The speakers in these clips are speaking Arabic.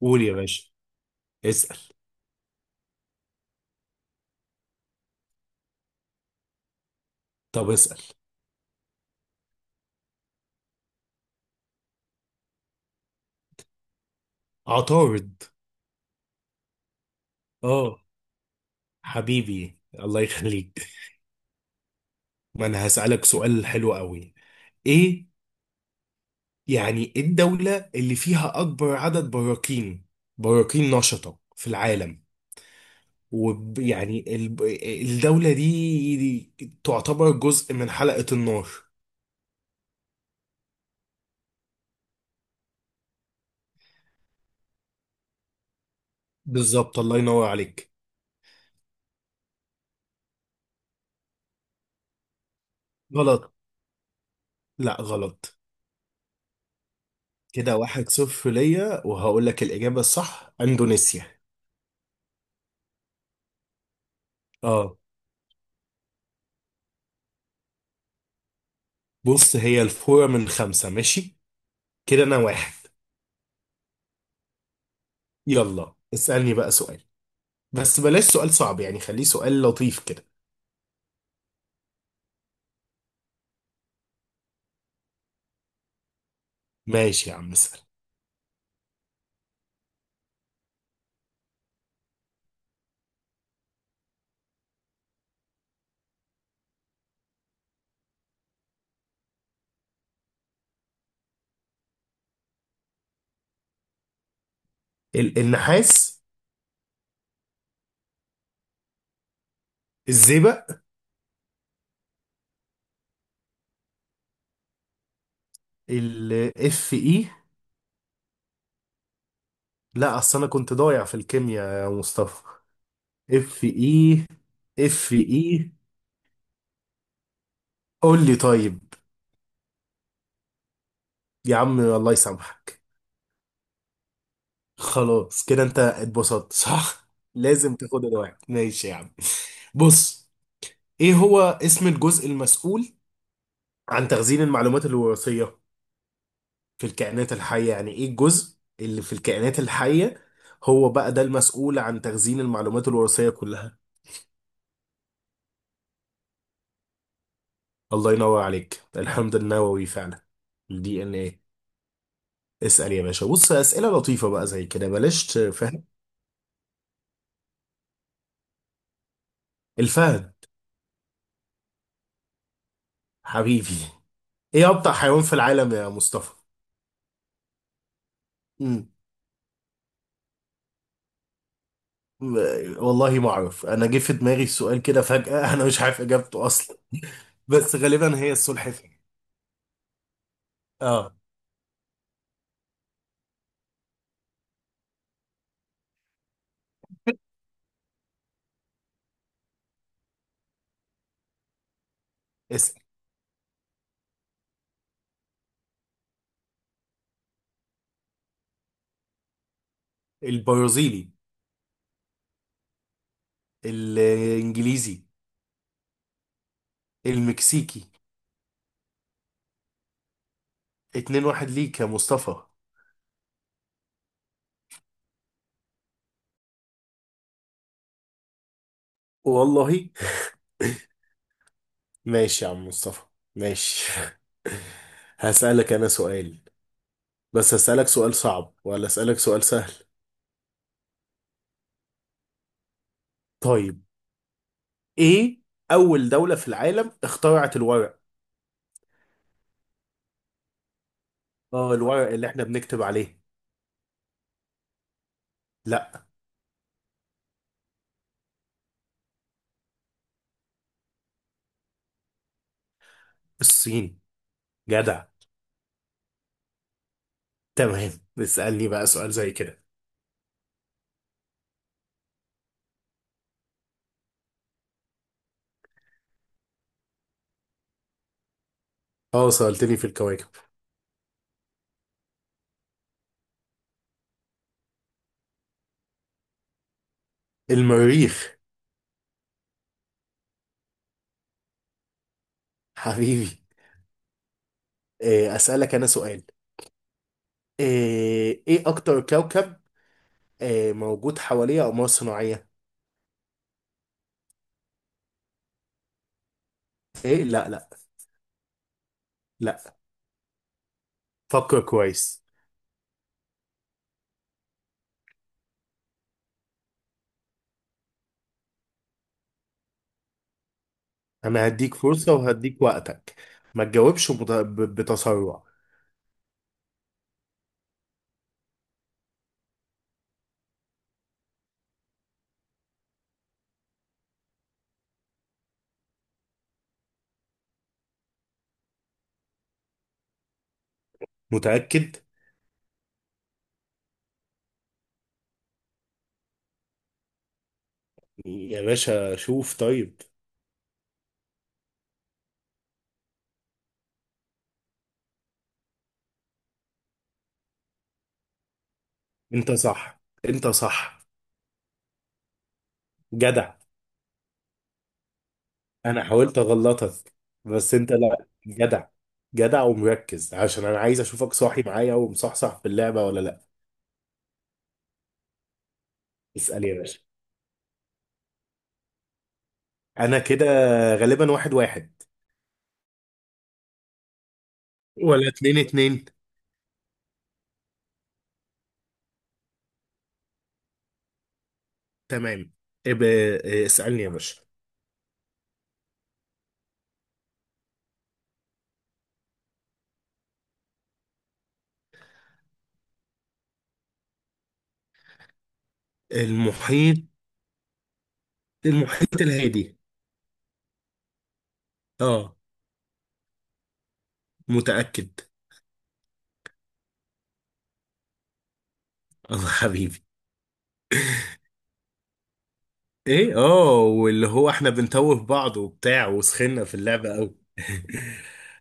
قول يا باشا. اسأل. طب اسأل. عطارد. اه، حبيبي الله يخليك. ما انا هسألك سؤال حلو قوي. ايه يعني إيه الدولة اللي فيها اكبر عدد براكين نشطة في العالم؟ ويعني الدولة دي تعتبر جزء من حلقة النار. بالظبط، الله ينور عليك. غلط. لا غلط. كده واحد صفر ليا، وهقول لك الإجابة الصح: اندونيسيا. اه. بص، هي الفورة من خمسة، ماشي. كده أنا واحد. يلا اسألني بقى سؤال، بس بلاش سؤال صعب يعني، خليه سؤال لطيف كده. ماشي يا عم، اسأل. النحاس. الزئبق. الاف اي. لا، اصل انا كنت ضايع في الكيمياء يا مصطفى. اف اي. اف اي. قول لي طيب. يا عم الله يسامحك. خلاص كده، انت اتبسطت صح. لازم تاخد الواحد، ماشي يا عم. بص، ايه هو اسم الجزء المسؤول عن تخزين المعلومات الوراثية في الكائنات الحية؟ يعني ايه الجزء اللي في الكائنات الحية هو بقى ده المسؤول عن تخزين المعلومات الوراثية كلها؟ الله ينور عليك، الحمض النووي فعلا. الدي ان ايه. اسأل يا باشا. بص، أسئلة لطيفة بقى زي كده، بلاش تفهم. الفهد. حبيبي. ايه أبطأ حيوان في العالم يا مصطفى؟ مم. والله ما اعرف، انا جه في دماغي السؤال كده فجأة انا مش عارف اجابته اصلا، بس غالبا هي السلحفاة. اه. اسأل. البرازيلي. الانجليزي. المكسيكي. اتنين واحد ليك يا مصطفى. والله. ماشي يا عم مصطفى. ماشي. هسألك أنا سؤال، بس هسألك سؤال صعب ولا أسألك سؤال سهل؟ طيب، إيه أول دولة في العالم اخترعت الورق؟ آه، الورق اللي إحنا بنكتب عليه. لا. الصين. جدع. تمام. اسألني بقى سؤال زي كده. آه سألتني في الكواكب. المريخ. حبيبي. إيه أسألك أنا سؤال. ايه اكتر كوكب إيه موجود حواليه اقمار صناعية؟ ايه لا لا. لا، فكر كويس. انا هديك فرصة، وهديك وقتك. ما تجاوبش بتسرع. متأكد؟ يا باشا شوف طيب. انت صح، انت صح. جدع. انا حاولت اغلطك، بس انت لا، جدع. جدع ومركز، عشان انا عايز اشوفك صاحي معايا ومصحصح في اللعبة ولا لا. اسأل يا باشا. انا كده غالبا واحد واحد ولا اتنين اتنين. تمام. ابقى اسألني يا باشا. المحيط. المحيط الهادي. اه. متأكد الله، حبيبي. ايه اه، واللي هو احنا بنتوه بعض وبتاع، وسخنا في اللعبة قوي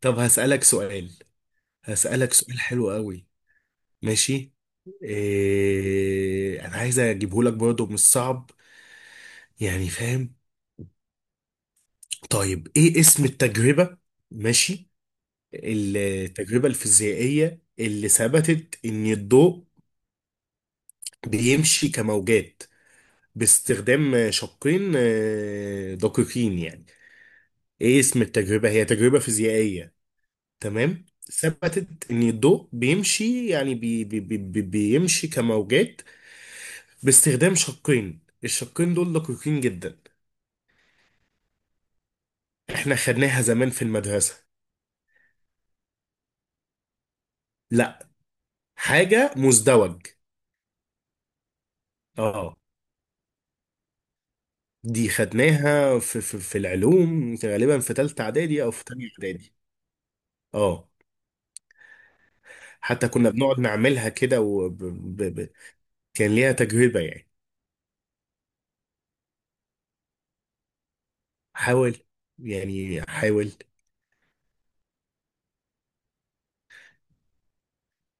طب هسألك سؤال. هسألك سؤال حلو قوي. ماشي. إيه انا عايز اجيبه لك برضه مش صعب، يعني فاهم. طيب، ايه اسم التجربة؟ ماشي، التجربة الفيزيائية اللي ثبتت ان الضوء بيمشي كموجات باستخدام شقين آه، دقيقين يعني. ايه اسم التجربة؟ هي تجربة فيزيائية، تمام، ثبتت ان الضوء بيمشي يعني بيمشي كموجات باستخدام شقين. الشقين دول دقيقين جدا. احنا خدناها زمان في المدرسة. لا، حاجة مزدوج. اه. دي خدناها في العلوم، غالبا في تالتة اعدادي او في تانية اعدادي. اه. حتى كنا بنقعد نعملها كده. كان ليها تجربة يعني. حاول، يعني حاول.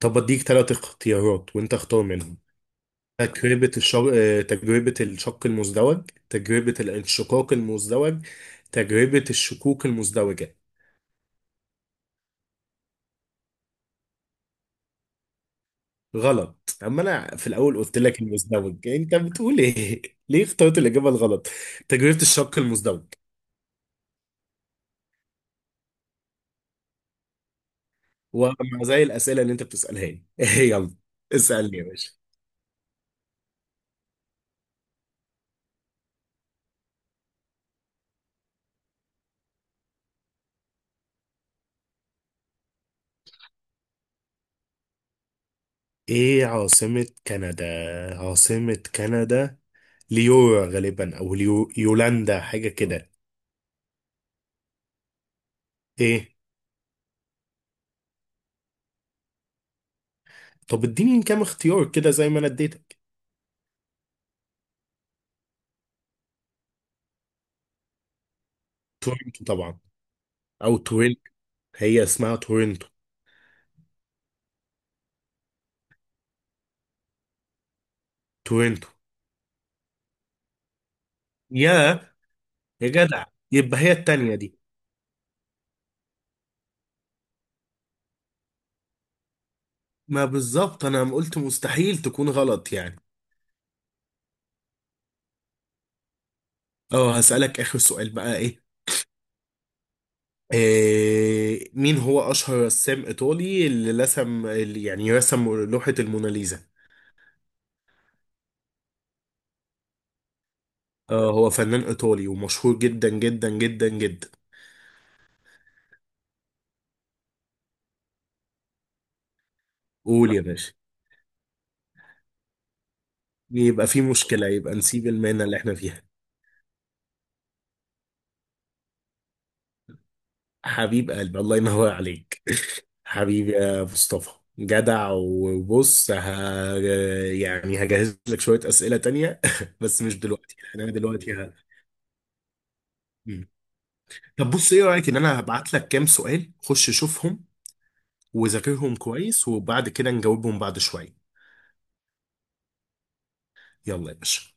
طب اديك ثلاث اختيارات وانت اختار منهم. تجربة الشر... آه، تجربة الشق المزدوج، تجربة الانشقاق المزدوج، تجربة الشقوق المزدوجة. غلط. اما انا في الاول قلت لك المزدوج، انت بتقول ايه ليه اخترت الاجابة الغلط؟ تجربة الشق المزدوج. ومع، زي الاسئلة اللي انت بتسألها لي يلا اسألني يا باشا. ايه عاصمة كندا؟ عاصمة كندا ليو غالبا، او ليو يولاندا، حاجة كده. ايه؟ طب اديني كام اختيار كده زي ما انا اديتك. تورنتو طبعا. او تورنتو، هي اسمها تورنتو. تورنتو. يا يا جدع، يبقى هي التانية دي. ما بالظبط، انا قلت مستحيل تكون غلط يعني. اه، هسألك اخر سؤال بقى، ايه إيه مين هو اشهر رسام ايطالي اللي رسم اللي يعني رسم لوحة الموناليزا؟ آه، هو فنان إيطالي ومشهور جدا جدا جدا جدا. قول يا باشا. يبقى في مشكلة، يبقى نسيب المهنة اللي احنا فيها. حبيب قلبي، الله ينور عليك. حبيبي يا مصطفى. جدع. وبص يعني هجهز لك شوية أسئلة تانية بس مش دلوقتي يعني، انا دلوقتي ه... مم. طب بص، ايه رأيك ان انا هبعت لك كام سؤال، خش شوفهم وذاكرهم كويس وبعد كده نجاوبهم بعد شوية؟ يلا يا باشا.